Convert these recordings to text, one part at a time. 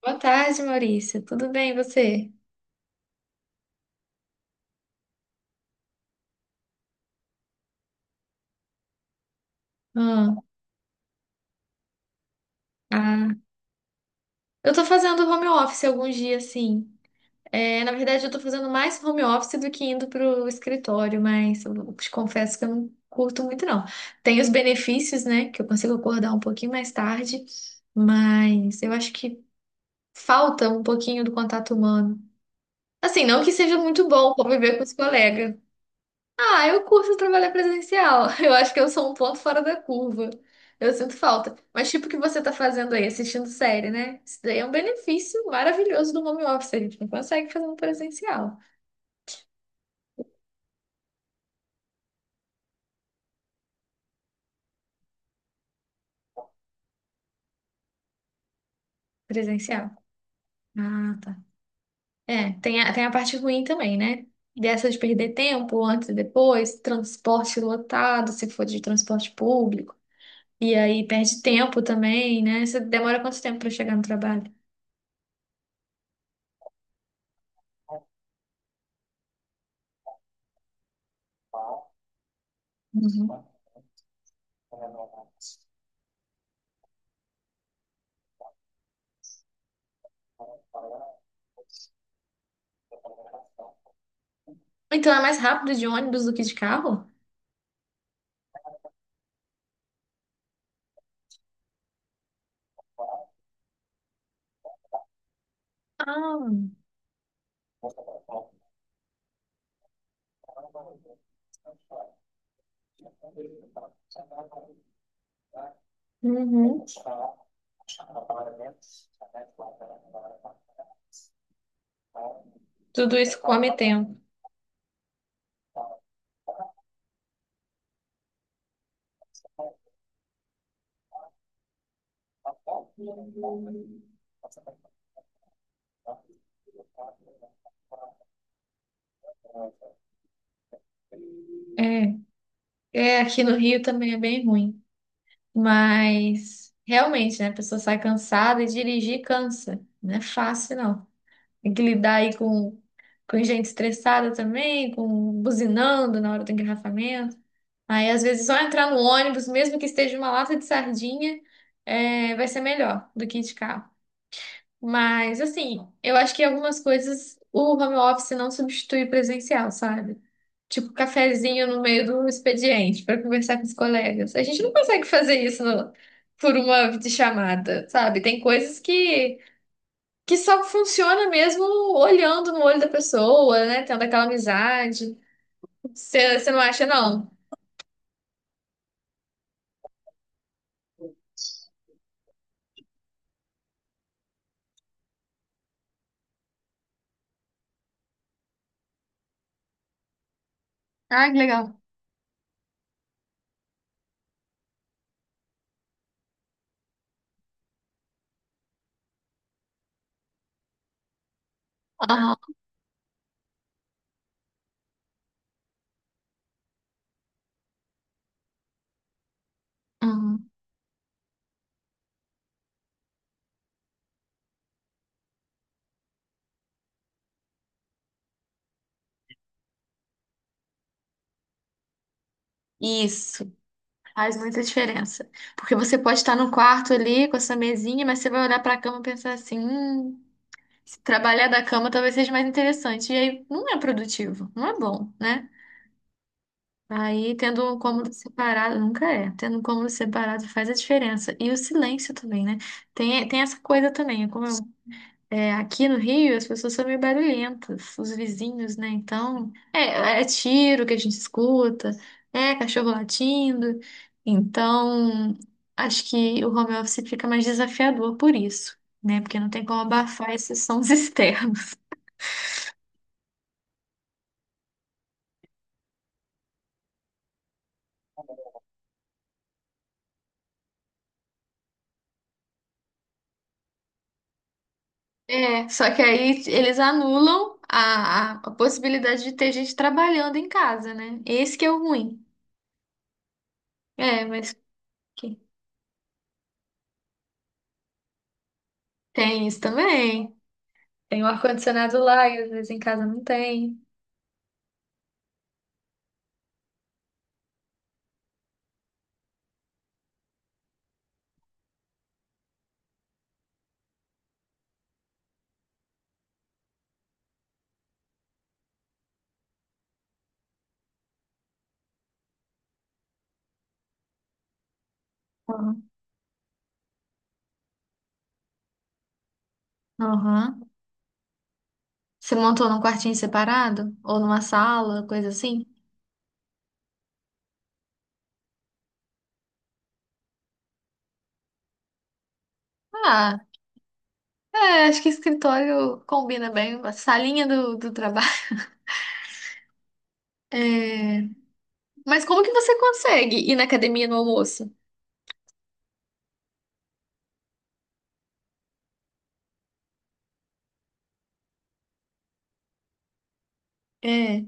Boa tarde, Maurício. Tudo bem, e você? Ah, ah. Eu tô fazendo home office alguns dias, sim. É, na verdade, eu tô fazendo mais home office do que indo pro escritório, mas eu te confesso que eu não curto muito, não. Tem os benefícios, né, que eu consigo acordar um pouquinho mais tarde, mas eu acho que falta um pouquinho do contato humano. Assim, não que seja muito bom conviver com os colegas. Ah, eu curto trabalhar presencial. Eu acho que eu sou um ponto fora da curva. Eu sinto falta. Mas tipo o que você tá fazendo aí, assistindo série, né? Isso daí é um benefício maravilhoso do home office. A gente não consegue fazer no presencial. Presencial. Ah, tá. É, tem a parte ruim também, né? Dessa de perder tempo antes e depois, transporte lotado, se for de transporte público. E aí perde tempo também, né? Você demora quanto tempo pra chegar no trabalho? Uhum. Então é mais rápido de ônibus do que de carro? Ah. Uhum. Tudo isso come tempo. É, é, aqui no Rio também é bem ruim. Mas realmente, né? A pessoa sai cansada e dirigir cansa. Não é fácil, não. Tem que lidar aí com gente estressada também, com buzinando na hora do engarrafamento. Aí, às vezes, só entrar no ônibus, mesmo que esteja uma lata de sardinha, é, vai ser melhor do que ir de carro. Mas, assim, eu acho que algumas coisas o home office não substitui o presencial, sabe? Tipo, cafezinho no meio do expediente para conversar com os colegas. A gente não consegue fazer isso por uma videochamada, sabe? Tem coisas que só funciona mesmo olhando no olho da pessoa, né? Tendo aquela amizade. Você não acha, não? Ah, que legal. Aham, aham. Isso. Faz muita diferença. Porque você pode estar no quarto ali com essa mesinha, mas você vai olhar para a cama e pensar assim: se trabalhar da cama talvez seja mais interessante. E aí não é produtivo, não é bom, né? Aí tendo um cômodo separado, nunca é. Tendo um cômodo separado faz a diferença e o silêncio também né tem essa coisa também. Como eu É, aqui no Rio, as pessoas são meio barulhentas, os vizinhos, né? Então, é tiro que a gente escuta, é cachorro latindo. Então, acho que o home office fica mais desafiador por isso, né? Porque não tem como abafar esses sons externos. É, só que aí eles anulam a possibilidade de ter gente trabalhando em casa, né? Esse que é o ruim. É, mas que- tem isso também. Tem o ar-condicionado lá e às vezes em casa não tem. Aham. Você montou num quartinho separado? Ou numa sala, coisa assim? Ah, é, acho que escritório combina bem, a salinha do trabalho. É, mas como que você consegue ir na academia no almoço? É,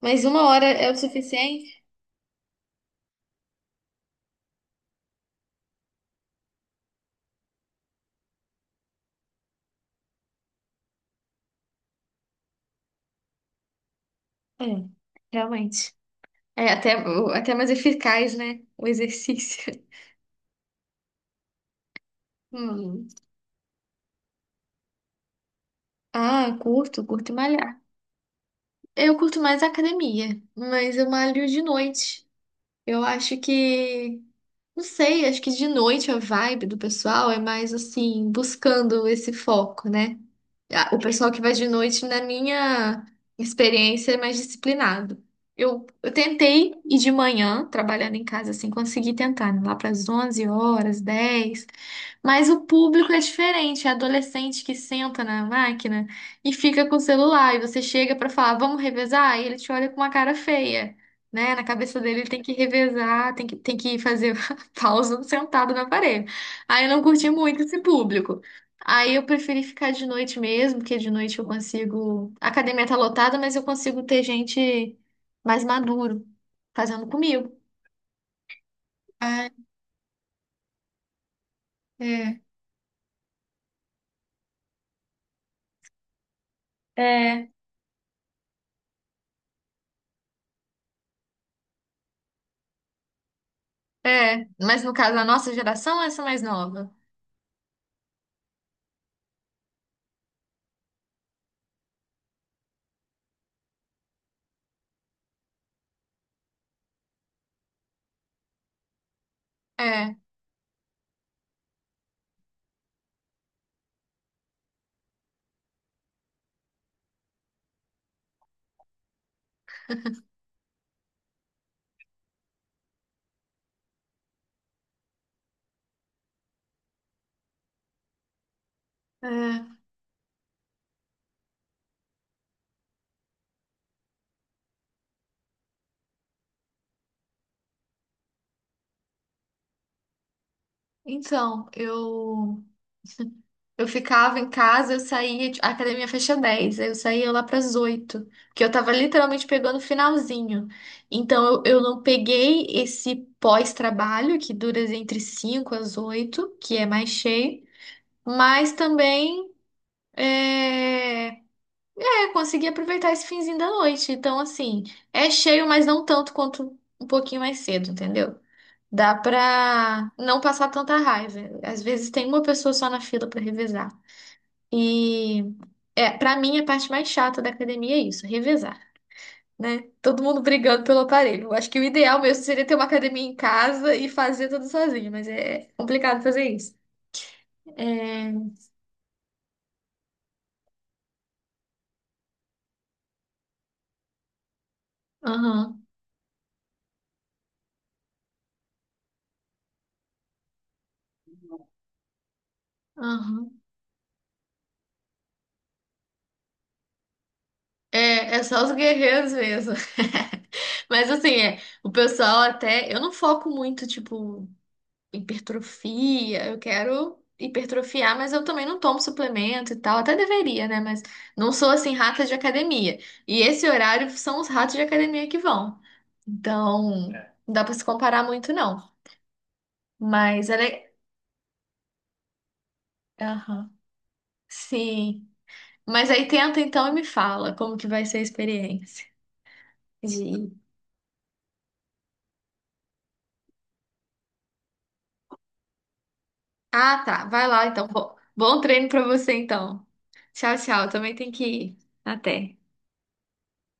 mas uma hora é o suficiente? É, realmente. É até mais eficaz, né? O exercício. Hum. Ah, curto, curto malhar. Eu curto mais a academia, mas eu malho de noite. Eu acho que, não sei, acho que de noite a vibe do pessoal é mais assim, buscando esse foco, né? Ah, o pessoal que vai de noite, na minha experiência, é mais disciplinado. Eu tentei ir de manhã, trabalhando em casa, assim, consegui tentar, né, lá para as 11 horas, 10, mas o público é diferente, é adolescente que senta na máquina e fica com o celular, e você chega para falar, vamos revezar, e ele te olha com uma cara feia, né? Na cabeça dele ele tem que revezar, tem que fazer pausa sentado na parede. Aí eu não curti muito esse público. Aí eu preferi ficar de noite mesmo, porque de noite eu consigo. A academia tá lotada, mas eu consigo ter gente mais maduro fazendo comigo. Ah, é. É. É, mas no caso, a nossa geração, essa mais nova. É, é. Então, eu. Eu ficava em casa, eu saía, tipo, a academia fecha 10, aí eu saía lá para as 8, porque eu tava literalmente pegando o finalzinho. Então eu não peguei esse pós-trabalho, que dura entre 5 às 8, que é mais cheio, mas também é, é, consegui aproveitar esse finzinho da noite. Então, assim, é cheio, mas não tanto quanto um pouquinho mais cedo, entendeu? Dá pra não passar tanta raiva. Às vezes tem uma pessoa só na fila para revezar. E é, para mim a parte mais chata da academia é isso, é revezar, né? Todo mundo brigando pelo aparelho. Eu acho que o ideal mesmo seria ter uma academia em casa e fazer tudo sozinho, mas é complicado fazer isso. É, aham, aham. É, é só os guerreiros mesmo. Mas assim, é, o pessoal até. Eu não foco muito, tipo, hipertrofia, eu quero hipertrofiar, mas eu também não tomo suplemento e tal, até deveria, né? Mas não sou assim rata de academia. E esse horário são os ratos de academia que vão. Então, é, não dá pra se comparar muito, não. Mas ela é. Aham. Sim. Mas aí tenta então e me fala como que vai ser a experiência de ir. Ah, tá. Vai lá então. Bom, bom treino pra você então. Tchau, tchau. Também tem que ir. Até.